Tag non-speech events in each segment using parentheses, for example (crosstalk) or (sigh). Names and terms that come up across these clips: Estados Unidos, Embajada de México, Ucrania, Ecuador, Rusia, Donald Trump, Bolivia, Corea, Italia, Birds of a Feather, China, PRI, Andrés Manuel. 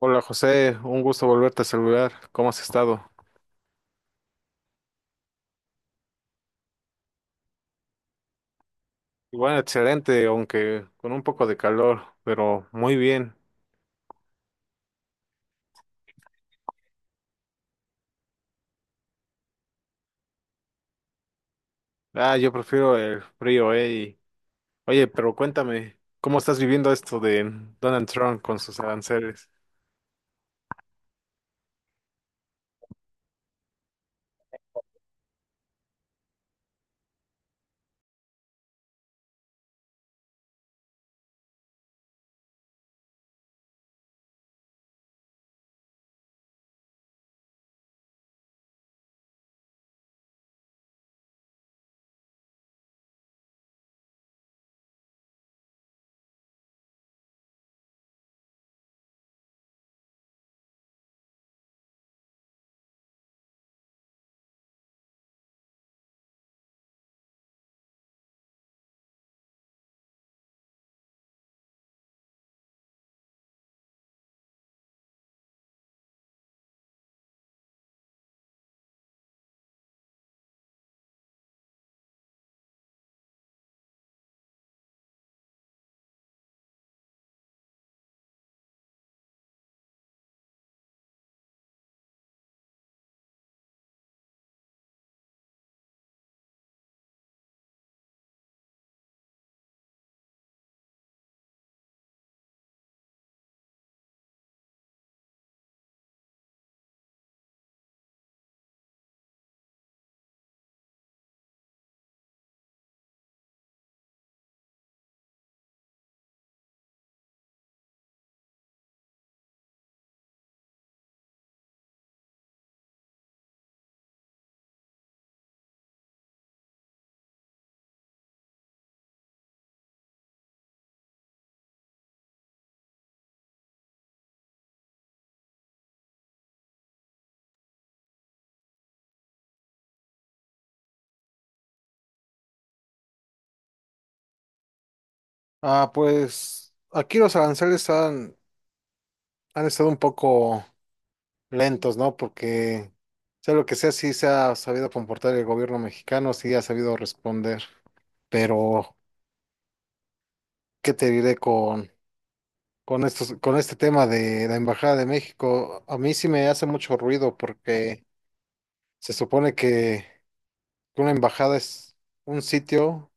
Hola José, un gusto volverte a saludar. ¿Cómo has estado? Bueno, excelente, aunque con un poco de calor, pero muy bien. Ah, yo prefiero el frío. Oye, pero cuéntame, ¿cómo estás viviendo esto de Donald Trump con sus aranceles? Ah, pues aquí los aranceles han estado un poco lentos, ¿no? Porque sea lo que sea, sí se ha sabido comportar el gobierno mexicano, sí ha sabido responder. Pero, ¿qué te diré con este tema de la Embajada de México, a mí sí me hace mucho ruido porque se supone que una embajada es un sitio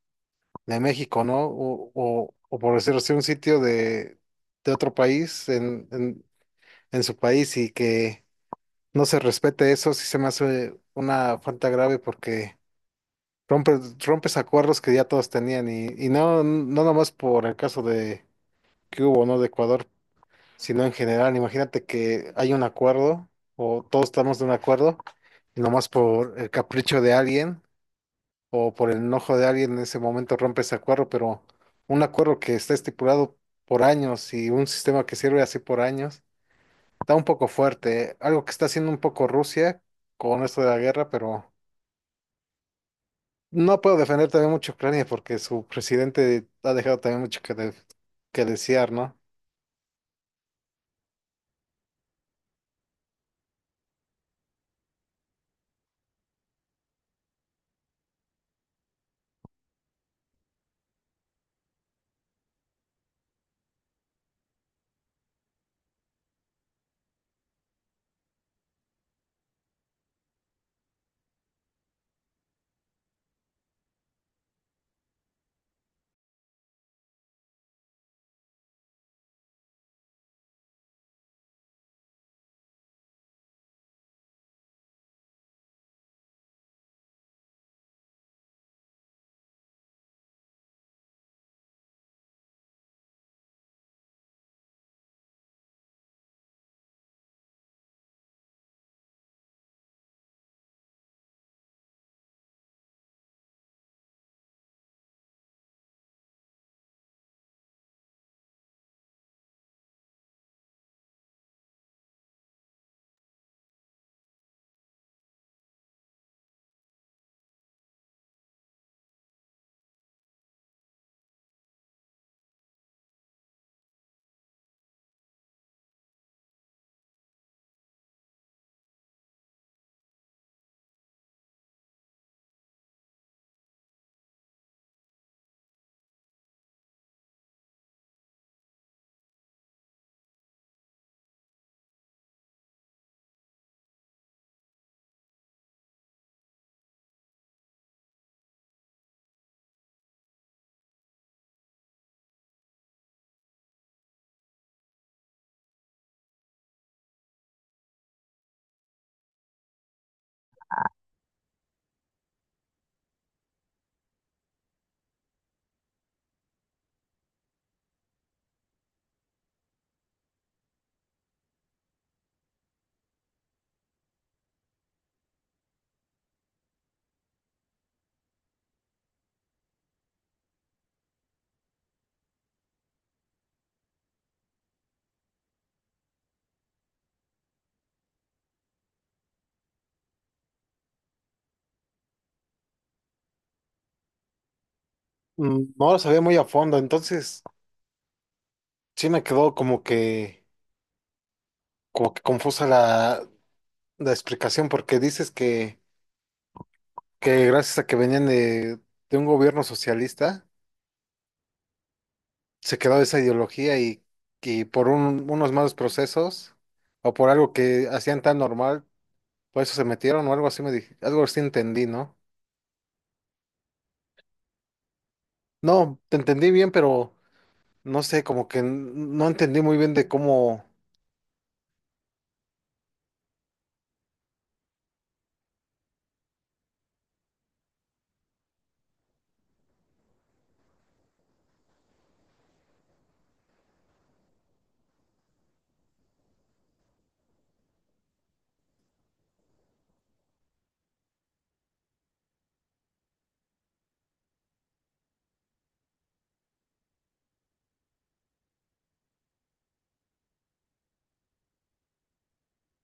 de México, ¿no? O por decirlo así, un sitio de otro país en su país y que no se respete eso, sí se me hace una falta grave porque rompes acuerdos que ya todos tenían y no nomás por el caso de que hubo, ¿no? de Ecuador, sino en general. Imagínate que hay un acuerdo o todos estamos de un acuerdo y nomás por el capricho de alguien o por el enojo de alguien en ese momento rompe ese acuerdo, pero un acuerdo que está estipulado por años y un sistema que sirve así por años, está un poco fuerte. Algo que está haciendo un poco Rusia con esto de la guerra, pero no puedo defender también mucho a Ucrania porque su presidente ha dejado también mucho que desear, ¿no? No lo sabía muy a fondo, entonces sí me quedó como que confusa la explicación, porque dices que gracias a que venían de un gobierno socialista, se quedó esa ideología y por unos malos procesos o por algo que hacían tan normal, por eso se metieron o algo así me dije, algo así entendí, ¿no? No, te entendí bien, pero no sé, como que no entendí muy bien de cómo.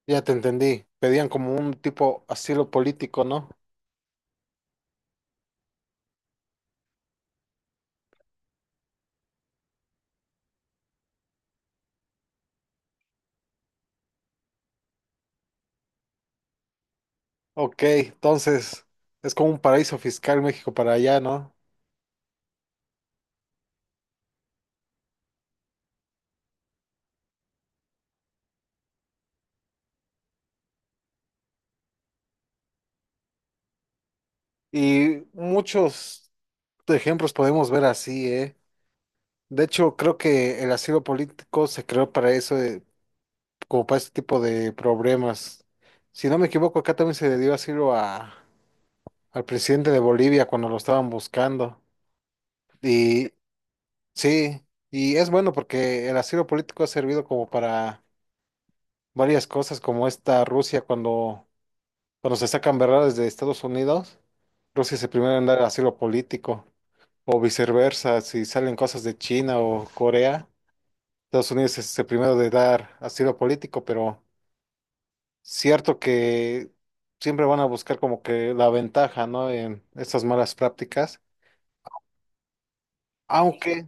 Ya te entendí, pedían como un tipo asilo político, ¿no? Ok, entonces es como un paraíso fiscal México para allá, ¿no? Y muchos ejemplos podemos ver así, ¿eh? De hecho, creo que el asilo político se creó para eso, como para este tipo de problemas. Si no me equivoco, acá también se le dio asilo al presidente de Bolivia cuando lo estaban buscando. Y sí, y es bueno porque el asilo político ha servido como para varias cosas, como esta Rusia cuando se sacan verdades de Estados Unidos, Rusia es el primero en dar asilo político. O viceversa, si salen cosas de China o Corea, Estados Unidos es el primero de dar asilo político, pero cierto que siempre van a buscar como que la ventaja, ¿no? En estas malas prácticas, aunque,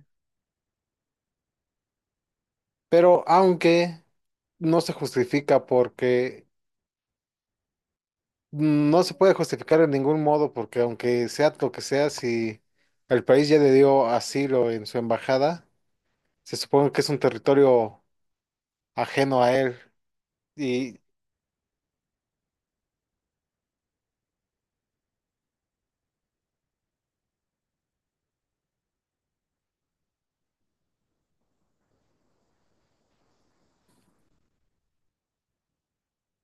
pero aunque no se justifica porque no se puede justificar en ningún modo, porque aunque sea lo que sea, si el país ya le dio asilo en su embajada, se supone que es un territorio ajeno a él. Y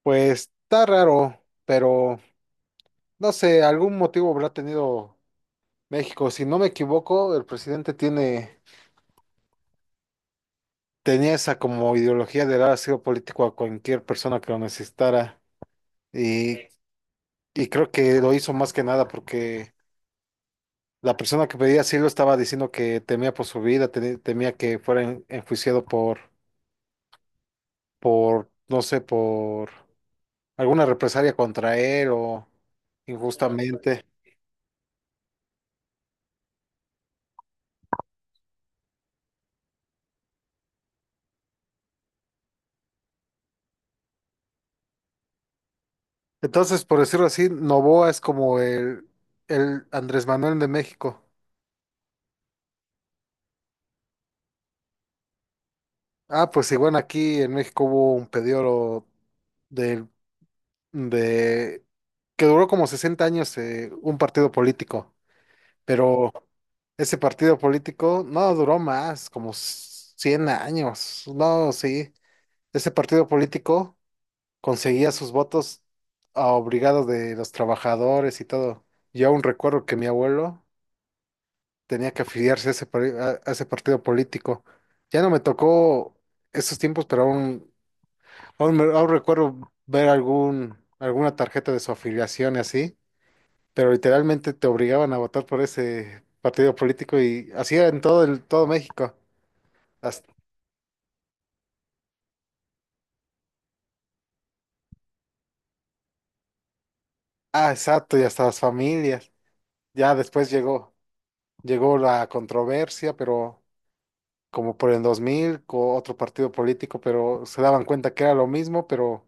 pues está raro, pero no sé, algún motivo habrá tenido México. Si no me equivoco, el presidente tiene, tenía esa como ideología de dar asilo político a cualquier persona que lo necesitara. Y, y creo que lo hizo más que nada porque la persona que pedía asilo estaba diciendo que temía por su vida, temía que fuera enjuiciado por, no sé, por alguna represalia contra él o injustamente. Entonces, por decirlo así, Novoa es como el Andrés Manuel de México. Ah, pues igual aquí en México hubo un periodo de, de que duró como 60 años, un partido político, pero ese partido político no duró más, como 100 años. No, sí, ese partido político conseguía sus votos a obligado de los trabajadores y todo. Yo aún recuerdo que mi abuelo tenía que afiliarse a ese partido político. Ya no me tocó esos tiempos, pero aún recuerdo ver alguna tarjeta de su afiliación y así, pero literalmente te obligaban a votar por ese partido político y así era en todo México. Hasta- ah, exacto, y hasta las familias. Ya después llegó la controversia, pero como por el 2000 con otro partido político, pero se daban cuenta que era lo mismo, pero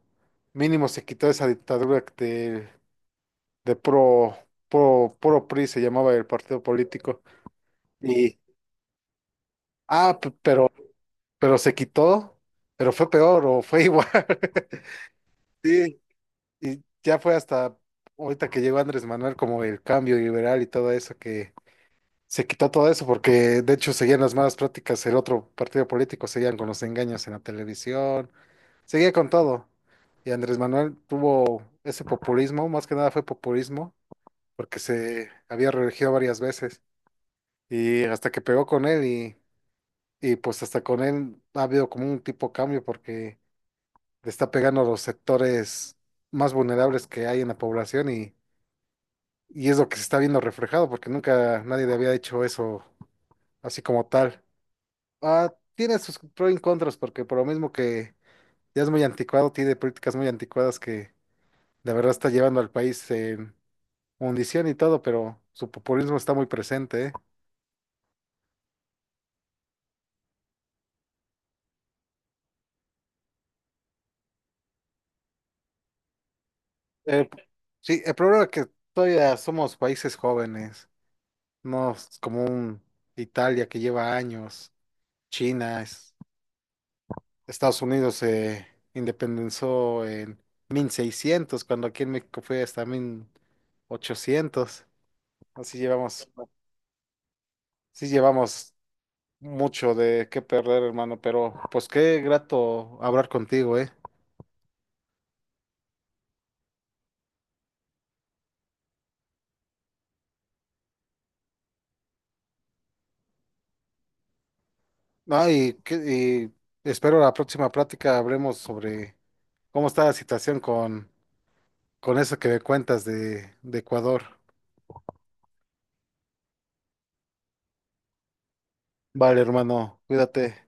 mínimo se quitó esa dictadura de pro, pro, pro PRI, se llamaba el partido político. Y, ah, pero se quitó, pero fue peor o fue igual. (laughs) Sí, y ya fue hasta ahorita que llegó Andrés Manuel como el cambio liberal y todo eso que se quitó todo eso porque de hecho seguían las malas prácticas, el otro partido político seguían con los engaños en la televisión, seguía con todo. Y Andrés Manuel tuvo ese populismo, más que nada fue populismo, porque se había reelegido varias veces y hasta que pegó con él y pues hasta con él ha habido como un tipo cambio porque le está pegando a los sectores más vulnerables que hay en la población y es lo que se está viendo reflejado porque nunca nadie le había hecho eso así como tal. Ah, tiene sus pros y contras, porque por lo mismo que ya es muy anticuado, tiene políticas muy anticuadas que de verdad está llevando al país en hundición y todo, pero su populismo está muy presente, ¿eh? Eh, sí, el problema es que todavía somos países jóvenes, no es como un Italia que lleva años, China, Estados Unidos se independizó en 1600 cuando aquí en México fue hasta 1800 así llevamos, sí llevamos mucho de qué perder, hermano, pero pues qué grato hablar contigo, ¿eh? Ah, y espero la próxima plática hablemos sobre cómo está la situación con eso que me cuentas de Ecuador. Vale, hermano, cuídate.